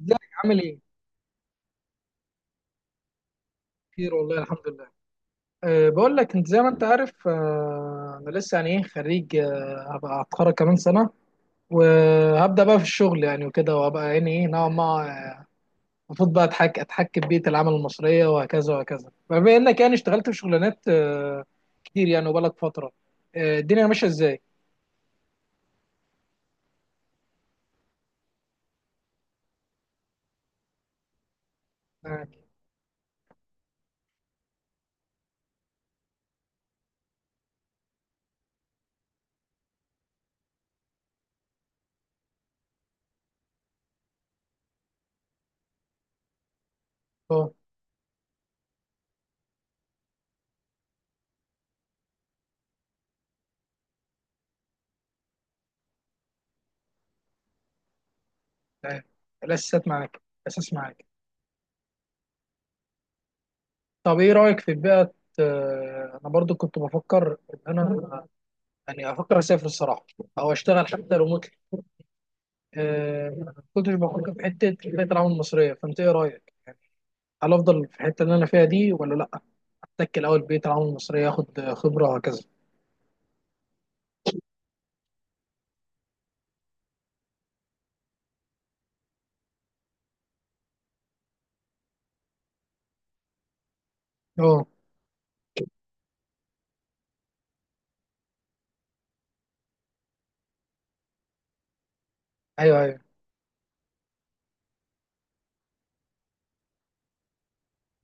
ازيك؟ عامل ايه؟ خير والله الحمد لله. بقول لك انت زي ما انت عارف، انا لسه يعني خريج، أه هبقى هتخرج كمان سنه وهبدا بقى في الشغل يعني وكده، وهبقى يعني ايه نوعا ما المفروض بقى اتحكم بيئه العمل المصريه وهكذا وهكذا. فبما انك يعني اشتغلت في شغلانات كتير يعني وبقالك فتره، الدنيا ماشيه ازاي؟ معاك. اه تمام. الاساسات معاك. الاساس معاك. طب ايه رايك في بيئه؟ انا برضو كنت بفكر ان انا يعني افكر اسافر الصراحه، او اشتغل حتى ريموتلي. ما كنتش بفكر في حته البيئه العمل المصريه، فانت ايه رايك يعني؟ هل افضل في الحته اللي انا فيها دي ولا لا؟ اتكل اول بيئه العمل المصريه، اخد خبره وهكذا. اه، ايوه ايوه،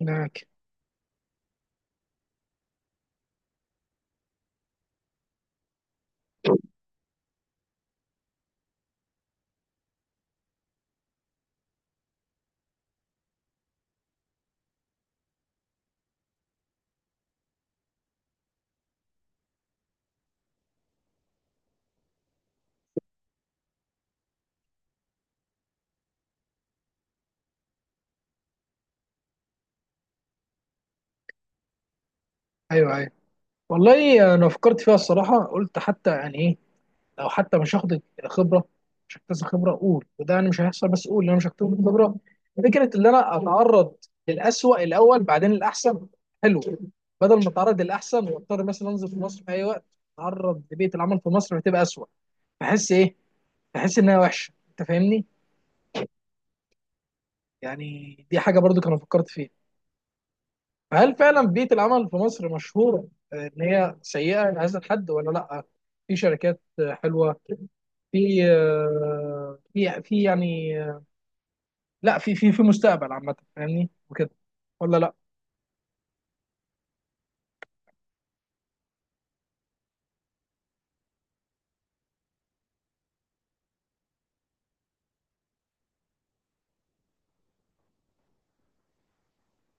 معاك. ايوه ايوه، والله انا فكرت فيها الصراحه، قلت حتى يعني ايه، لو حتى مش هاخد خبره، مش هكتسب خبره، اقول وده انا مش هيحصل، بس اقول ان انا مش هكتسب خبره، فكره ان انا اتعرض للأسوأ الاول بعدين الاحسن، حلو، بدل ما اتعرض للاحسن واضطر مثلا انزل في مصر في اي وقت اتعرض لبيئه العمل في مصر فتبقى أسوأ. بحس ايه، بحس انها وحشه، انت فاهمني؟ يعني دي حاجه برضو كنا فكرت فيها. فهل فعلا بيئه العمل في مصر مشهوره آه، ان هي سيئه لهذا الحد ولا لا؟ في شركات آه، حلوه؟ في آه، في يعني، لا في في مستقبل عامة، فاهمني وكده، ولا لا؟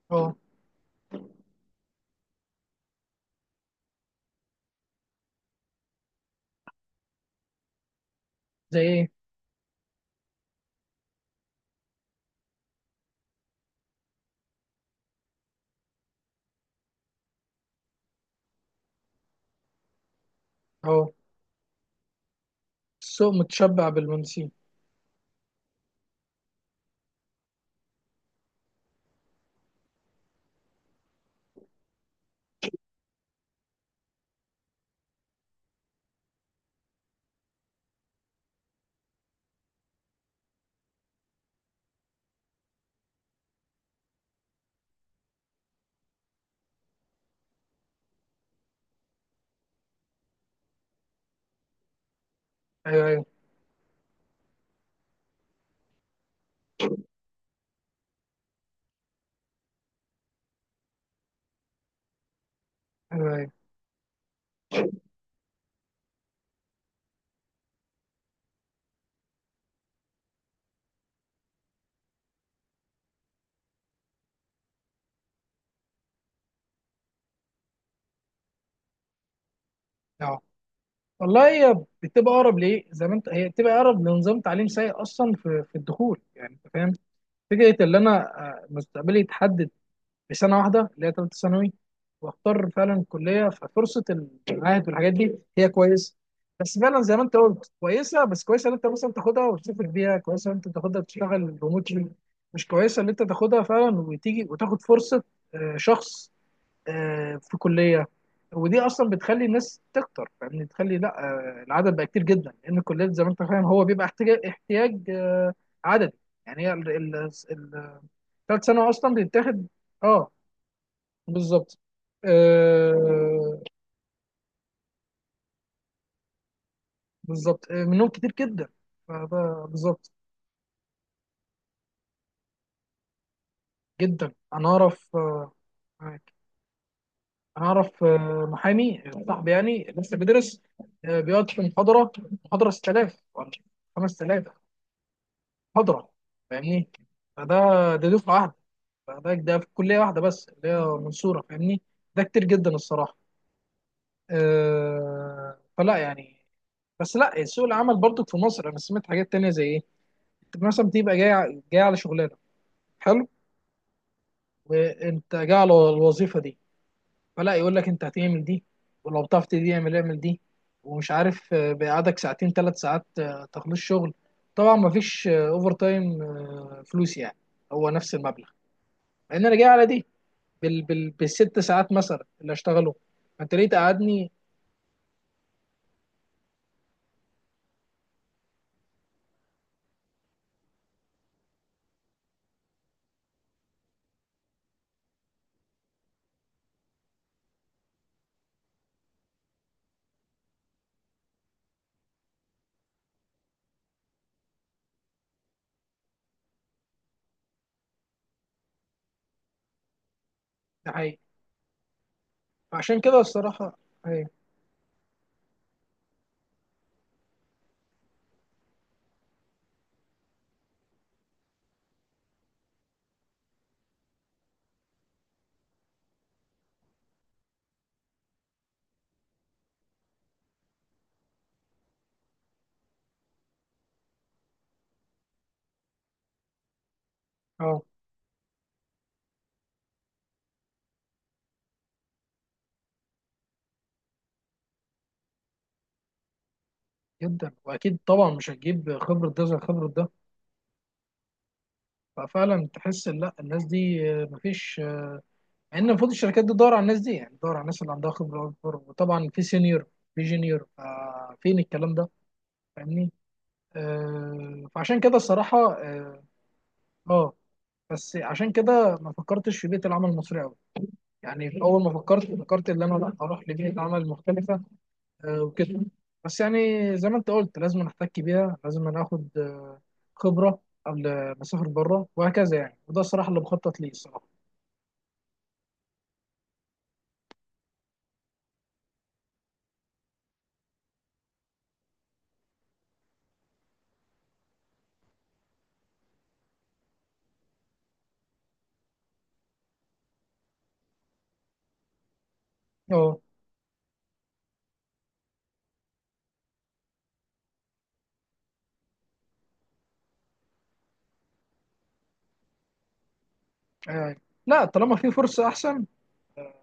اه، زي ايه؟ اه، السوق متشبع بالمنسيين. ايوه ايوه. ايوه ايوه. اه، والله هي بتبقى اقرب ليه زي ما انت، هي بتبقى اقرب لنظام تعليم سيء اصلا في الدخول يعني، انت فاهم؟ فكره ان انا آه، مستقبلي يتحدد بسنه واحده اللي هي ثالثه ثانوي، واختار فعلا الكليه ففرصه. المعاهد والحاجات دي هي كويسه، بس فعلا زي ما انت قلت كويسه، بس كويسه ان انت مثلا تاخدها وتسافر بيها، كويسه ان انت تاخدها وتشتغل ريموتلي، مش كويسه ان انت تاخدها فعلا وتيجي وتاخد فرصه آه، شخص آه، في كليه. ودي اصلا بتخلي الناس تكتر، فاهمني؟ بتخلي لا آه، العدد بقى كتير جدا، لان الكليات زي ما انت فاهم هو بيبقى احتياج آه، عددي. يعني هي ال- الثالث ثانوي اصلا بيتاخد. اه، بالظبط. آه، بالظبط آه، منهم كتير جدا، فده بالظبط. جدا، انا اعرف آه، معاك. انا اعرف آه، محامي صاحبي يعني لسه بيدرس، آه، بيقعد في محاضره، محاضره 6000 ولا 5000 محاضره، فاهمني؟ فده، ده دفعه واحده، فده ده في كليه واحده بس اللي هي منصوره، فاهمني؟ ده كتير جدا الصراحه. آه، فلا يعني. بس لا، سوق العمل برضو في مصر انا سمعت حاجات تانية. زي ايه؟ انت مثلا بتبقى جاي على شغلانه، حلو، وانت جاي على الوظيفه دي، فلا يقول لك انت هتعمل دي، ولو بتعرف دي اعمل، اعمل دي، ومش عارف آه، بيقعدك ساعتين ثلاث ساعات آه، تخلص شغل، طبعا ما فيش اوفر تايم آه، فلوس يعني، هو نفس المبلغ، لان انا جاي على دي بالست ساعات مثلا اللي اشتغله. انت ليه تقعدني؟ ده حقيقي. فعشان كده الصراحه ايوه. اه، جدا، واكيد طبعا مش هتجيب خبره ده زي خبره ده. ففعلا تحس ان لا، الناس دي آه، مفيش آه، مع ان المفروض الشركات دي تدور على الناس دي، يعني تدور على الناس اللي عندها خبره اكبر، وطبعا في سينيور في جونيور آه، فين الكلام ده، فاهمني؟ آه، فعشان كده الصراحه اه، آه، بس عشان كده ما فكرتش في بيئه العمل المصريه قوي. يعني في اول ما فكرت، فكرت ان انا لا اروح لبيئه عمل مختلفه آه، وكده، بس يعني زي ما انت قلت لازم نحتك بيها، لازم ناخد آه، خبره قبل ما اسافر بره وهكذا، يعني وده الصراحه اللي بخطط ليه الصراحه. اه، آه، لا طالما في فرصه احسن،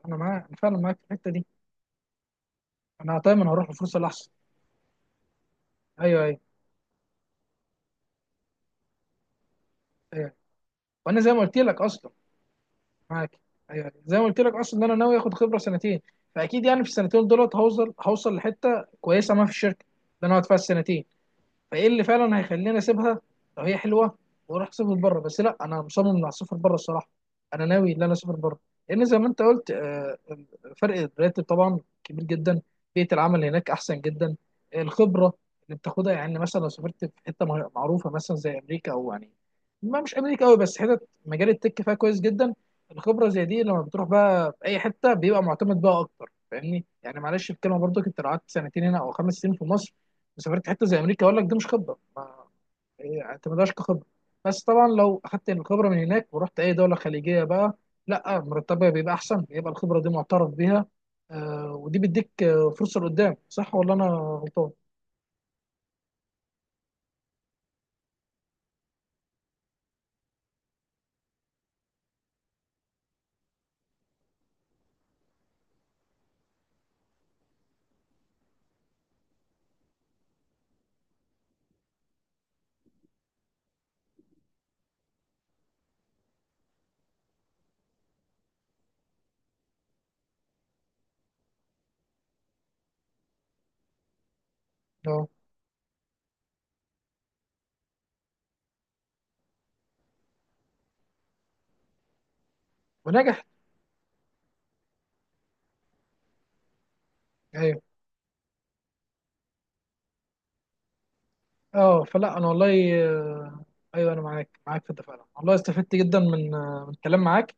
انا معاك، انا فعلا معاك في الحته دي، انا دايما هروح للفرصه الاحسن. ايوه ايوه. ايوه، وانا زي ما قلت لك اصلا، معاك. ايوه أيوه. زي ما قلت لك اصلا ان انا ناوي اخد خبره سنتين، فاكيد يعني في السنتين دولت هوصل لحته كويسه، ما في الشركه اللي انا اقعد فيها السنتين فايه اللي فعلا هيخليني اسيبها لو هي حلوه واروح اسافر بره، بس لا انا مصمم اني اسافر بره الصراحه. انا ناوي ان انا اسافر بره، لان زي ما انت قلت آه، آه، فرق الراتب طبعا كبير جدا، بيئه العمل هناك احسن جدا، الخبره اللي بتاخدها يعني مثلا لو سافرت في حته معروفه مثلا زي امريكا، او يعني ما مش امريكا قوي بس حتت مجال التك فيها كويس جدا. الخبره زي دي لما بتروح بقى في اي حته بيبقى معتمد بقى اكتر، فاهمني؟ يعني معلش الكلمه، برضو كنت لو قعدت سنتين هنا او خمس سنين في مصر سافرت حته زي امريكا، اقول لك دي مش خبره، ما هي اعتمدهاش كخبره. بس طبعا لو اخدت الخبره من هناك ورحت اي دوله خليجيه بقى، لا مرتبها بيبقى احسن، بيبقى الخبره دي معترف بيها آه، ودي بيديك آه، فرصه لقدام. صح ولا انا غلطان؟ اه، ونجح. ايوه. اه، فلا انا والله آه، ايوه انا معاك، معاك في ده فعلا، والله استفدت جدا من آه من الكلام معاك،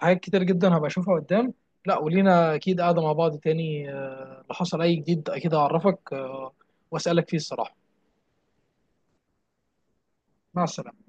حاجات كتير جدا هبقى اشوفها قدام. لا ولينا اكيد قاعده مع بعض تاني آه، لو حصل اي جديد اكيد هعرفك آه، واسالك فيه الصراحه. مع السلامة.